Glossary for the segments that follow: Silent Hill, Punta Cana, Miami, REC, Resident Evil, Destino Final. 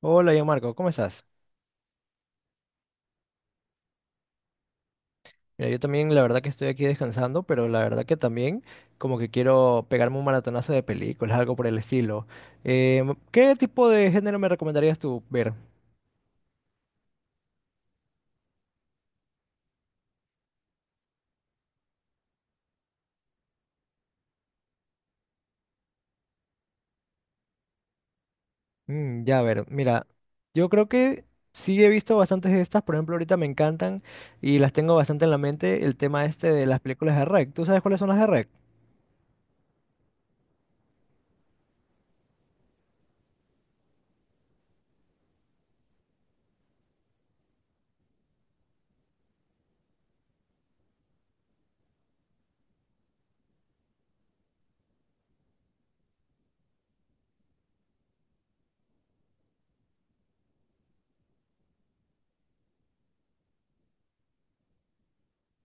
Hola, yo Marco, ¿cómo estás? Mira, yo también la verdad que estoy aquí descansando, pero la verdad que también como que quiero pegarme un maratonazo de películas, algo por el estilo. Eh, ¿Qué tipo de género me recomendarías tú ver? Mm, ya, a ver, mira, yo creo que sí he visto bastantes de estas, por ejemplo, ahorita me encantan y las tengo bastante en la mente el tema este de las películas de REC. ¿Tú sabes cuáles son las de REC?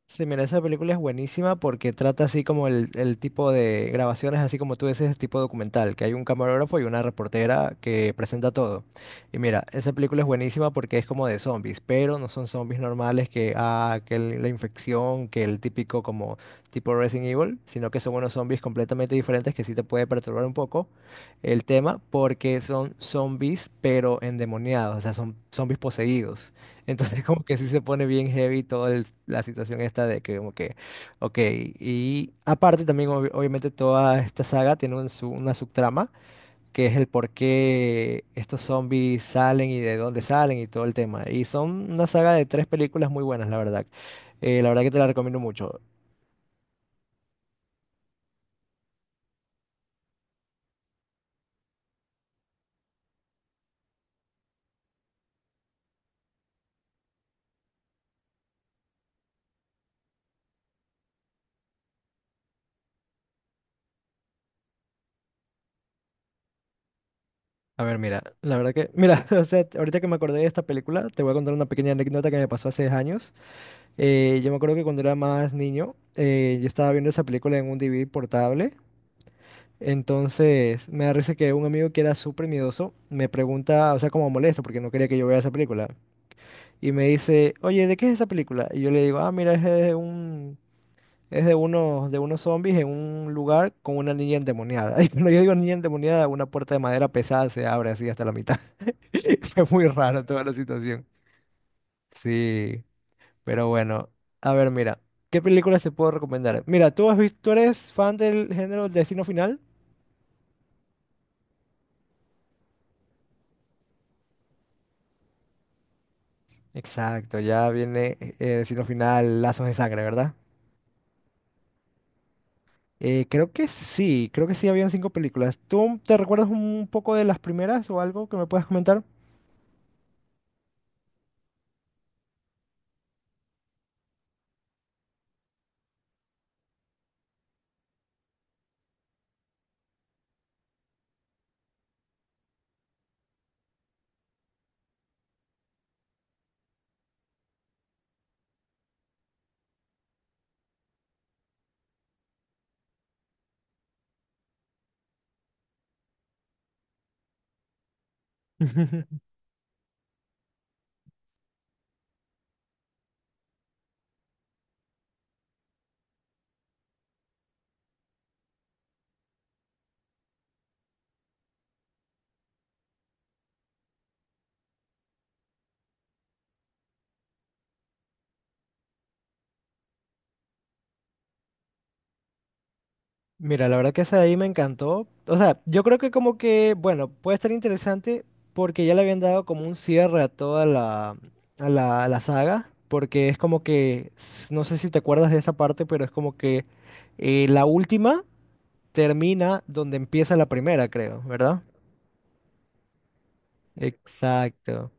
Sí, mira, esa película es buenísima porque trata así como el tipo de grabaciones, así como tú dices, tipo documental, que hay un camarógrafo y una reportera que presenta todo. Y mira, esa película es buenísima porque es como de zombies, pero no son zombies normales que, que la infección, que el típico como tipo Resident Evil, sino que son unos zombies completamente diferentes que sí te puede perturbar un poco el tema porque son zombies pero endemoniados, o sea, son zombies poseídos. Entonces como que sí se pone bien heavy toda la situación esta de que como que, ok, y aparte también obviamente toda esta saga tiene una subtrama que es el por qué estos zombies salen y de dónde salen y todo el tema. Y son una saga de tres películas muy buenas, la verdad. La verdad que te la recomiendo mucho. A ver, mira, la verdad que, mira, o sea, ahorita que me acordé de esta película, te voy a contar una pequeña anécdota que me pasó hace años. Yo me acuerdo que cuando era más niño, yo estaba viendo esa película en un DVD portable. Entonces, me da risa que un amigo que era súper miedoso me pregunta, o sea, como molesto, porque no quería que yo vea esa película. Y me dice, oye, ¿de qué es esa película? Y yo le digo, ah, mira, es de unos zombies en un lugar con una niña endemoniada. Y cuando yo digo niña endemoniada, una puerta de madera pesada se abre así hasta la mitad. Fue muy raro toda la situación. Sí, pero bueno. A ver, mira, ¿qué películas te puedo recomendar? Mira, ¿tú eres fan del género Destino Final? Exacto, ya viene destino final, lazos de sangre, ¿verdad? Creo que sí, creo que sí habían cinco películas. ¿Tú te recuerdas un poco de las primeras o algo que me puedas comentar? Mira, la verdad que esa de ahí me encantó. O sea, yo creo que como que, bueno, puede estar interesante porque ya le habían dado como un cierre a toda a la saga, porque es como que, no sé si te acuerdas de esa parte, pero es como que la última termina donde empieza la primera, creo, ¿verdad? Exacto,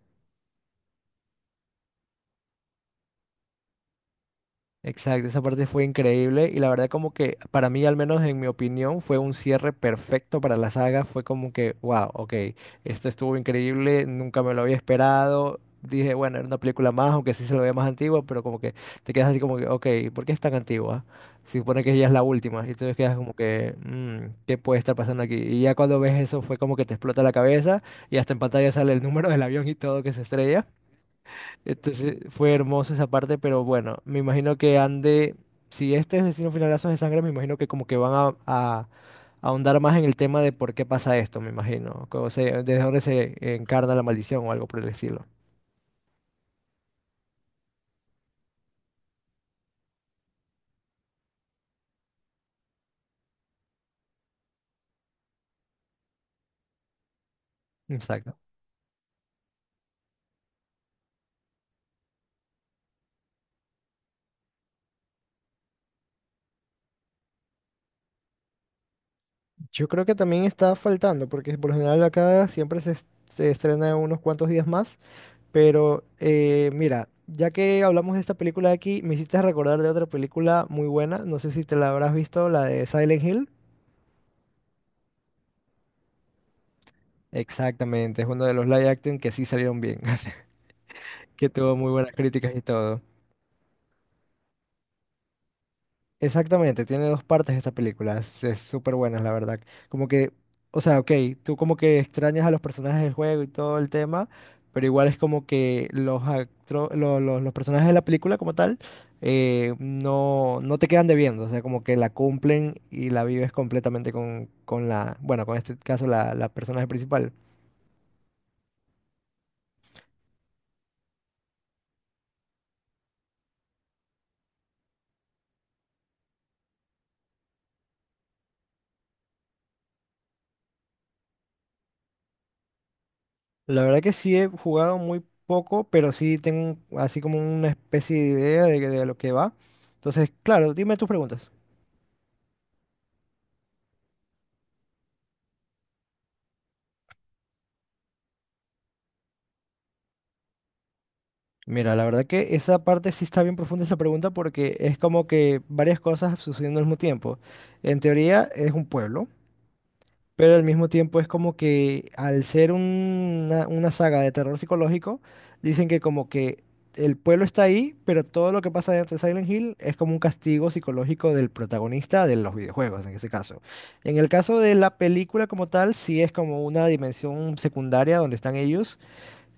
exacto. Esa parte fue increíble y la verdad como que para mí, al menos en mi opinión, fue un cierre perfecto para la saga. Fue como que, wow, ok, esto estuvo increíble, nunca me lo había esperado. Dije, bueno, era una película más, aunque sí se lo veía más antigua, pero como que te quedas así como que, ok, ¿por qué es tan antigua? Se supone que ya es la última y entonces quedas como que, "Mm, ¿qué puede estar pasando aquí?" Y ya cuando ves eso fue como que te explota la cabeza y hasta en pantalla sale el número del avión y todo que se estrella. Entonces fue hermosa esa parte, pero bueno, me imagino que han de, si este es Destino Final Lazos de Sangre, me imagino que como que van a ahondar más en el tema de por qué pasa esto, me imagino, ¿cómo se, desde dónde se encarna la maldición o algo por el estilo? Exacto. Yo creo que también está faltando, porque por lo general acá siempre se estrena en unos cuantos días más, pero mira, ya que hablamos de esta película de aquí, me hiciste recordar de otra película muy buena, no sé si te la habrás visto, la de Silent Hill. Exactamente, es uno de los live action que sí salieron bien, que tuvo muy buenas críticas y todo. Exactamente, tiene dos partes esta película, es súper buena, la verdad. Como que, o sea, ok, tú como que extrañas a los personajes del juego y todo el tema, pero igual es como que los, actro- lo- los personajes de la película como tal no te quedan debiendo, o sea, como que la cumplen y la vives completamente con la, bueno, con este caso la personaje principal. La verdad que sí he jugado muy poco, pero sí tengo así como una especie de idea de lo que va. Entonces, claro, dime tus preguntas. Mira, la verdad que esa parte sí está bien profunda esa pregunta porque es como que varias cosas sucediendo al mismo tiempo. En teoría es un pueblo, pero al mismo tiempo es como que al ser una saga de terror psicológico, dicen que como que el pueblo está ahí, pero todo lo que pasa dentro de Silent Hill es como un castigo psicológico del protagonista de los videojuegos, en ese caso. En el caso de la película como tal, sí es como una dimensión secundaria donde están ellos,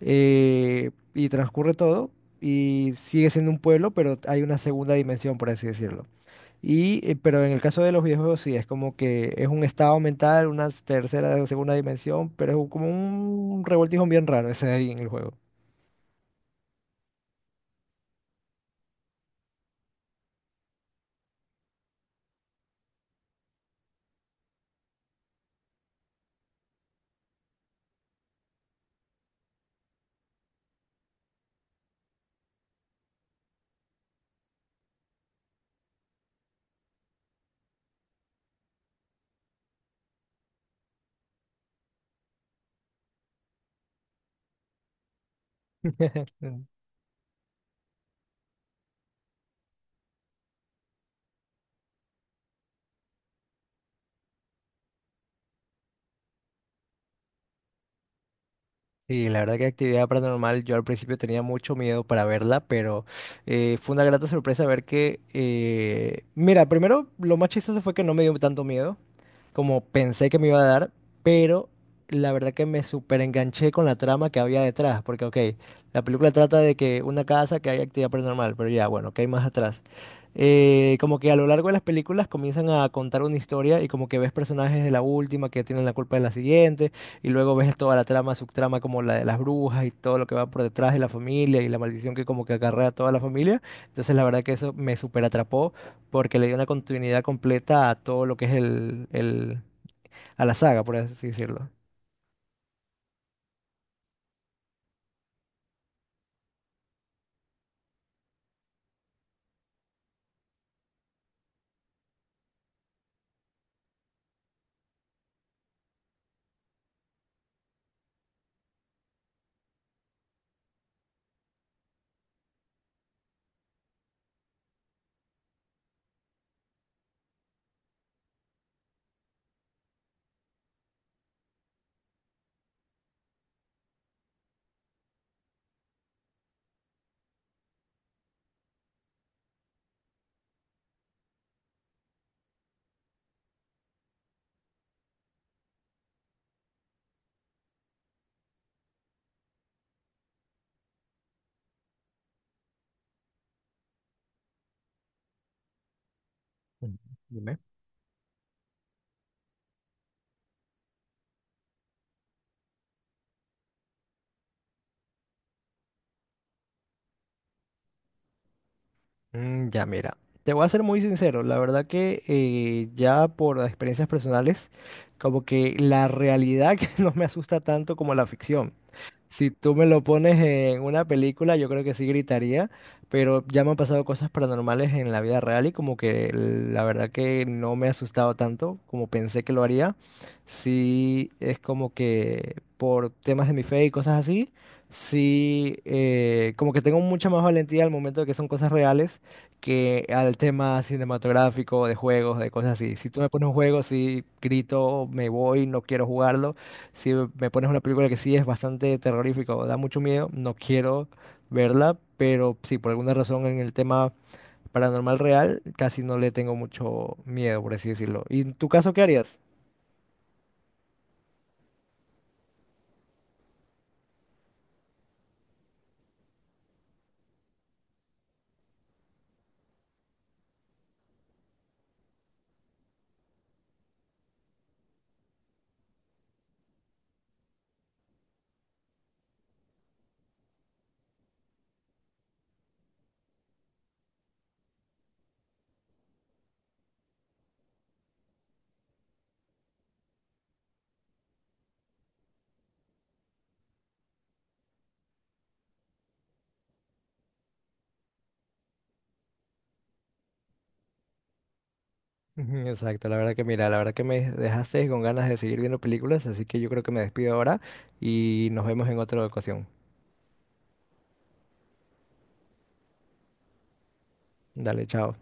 y transcurre todo y sigue siendo un pueblo, pero hay una segunda dimensión, por así decirlo. Y, pero en el caso de los videojuegos sí, es como que es un estado mental, una tercera, o segunda dimensión, pero es como un revoltijo bien raro ese ahí en el juego. Sí, la verdad que actividad paranormal, yo al principio tenía mucho miedo para verla, pero fue una grata sorpresa ver que, mira, primero lo más chistoso fue que no me dio tanto miedo como pensé que me iba a dar, pero la verdad que me súper enganché con la trama que había detrás, porque ok, la película trata de que una casa que hay actividad paranormal, pero ya, bueno, ¿qué hay más atrás? Como que a lo largo de las películas comienzan a contar una historia y como que ves personajes de la última que tienen la culpa de la siguiente. Y luego ves toda la trama, subtrama como la de las brujas y todo lo que va por detrás de la familia y la maldición que como que acarrea a toda la familia. Entonces la verdad que eso me súper atrapó porque le dio una continuidad completa a todo lo que es a la saga, por así decirlo. Mm, dime. Mm, ya mira, te voy a ser muy sincero, la verdad que ya por experiencias personales, como que la realidad que no me asusta tanto como la ficción. Si tú me lo pones en una película, yo creo que sí gritaría, pero ya me han pasado cosas paranormales en la vida real y como que la verdad que no me he asustado tanto como pensé que lo haría. Sí, es como que por temas de mi fe y cosas así, sí, como que tengo mucha más valentía al momento de que son cosas reales que al tema cinematográfico, de juegos, de cosas así. Si tú me pones un juego, sí, grito, me voy, no quiero jugarlo. Si me pones una película que sí es bastante terrorífica o da mucho miedo, no quiero verla, pero sí, por alguna razón en el tema paranormal real casi no le tengo mucho miedo, por así decirlo. ¿Y en tu caso qué harías? Ujú, exacto, la verdad que mira, la verdad que me dejaste con ganas de seguir viendo películas, así que yo creo que me despido ahora y nos vemos en otra ocasión. Dale, chao.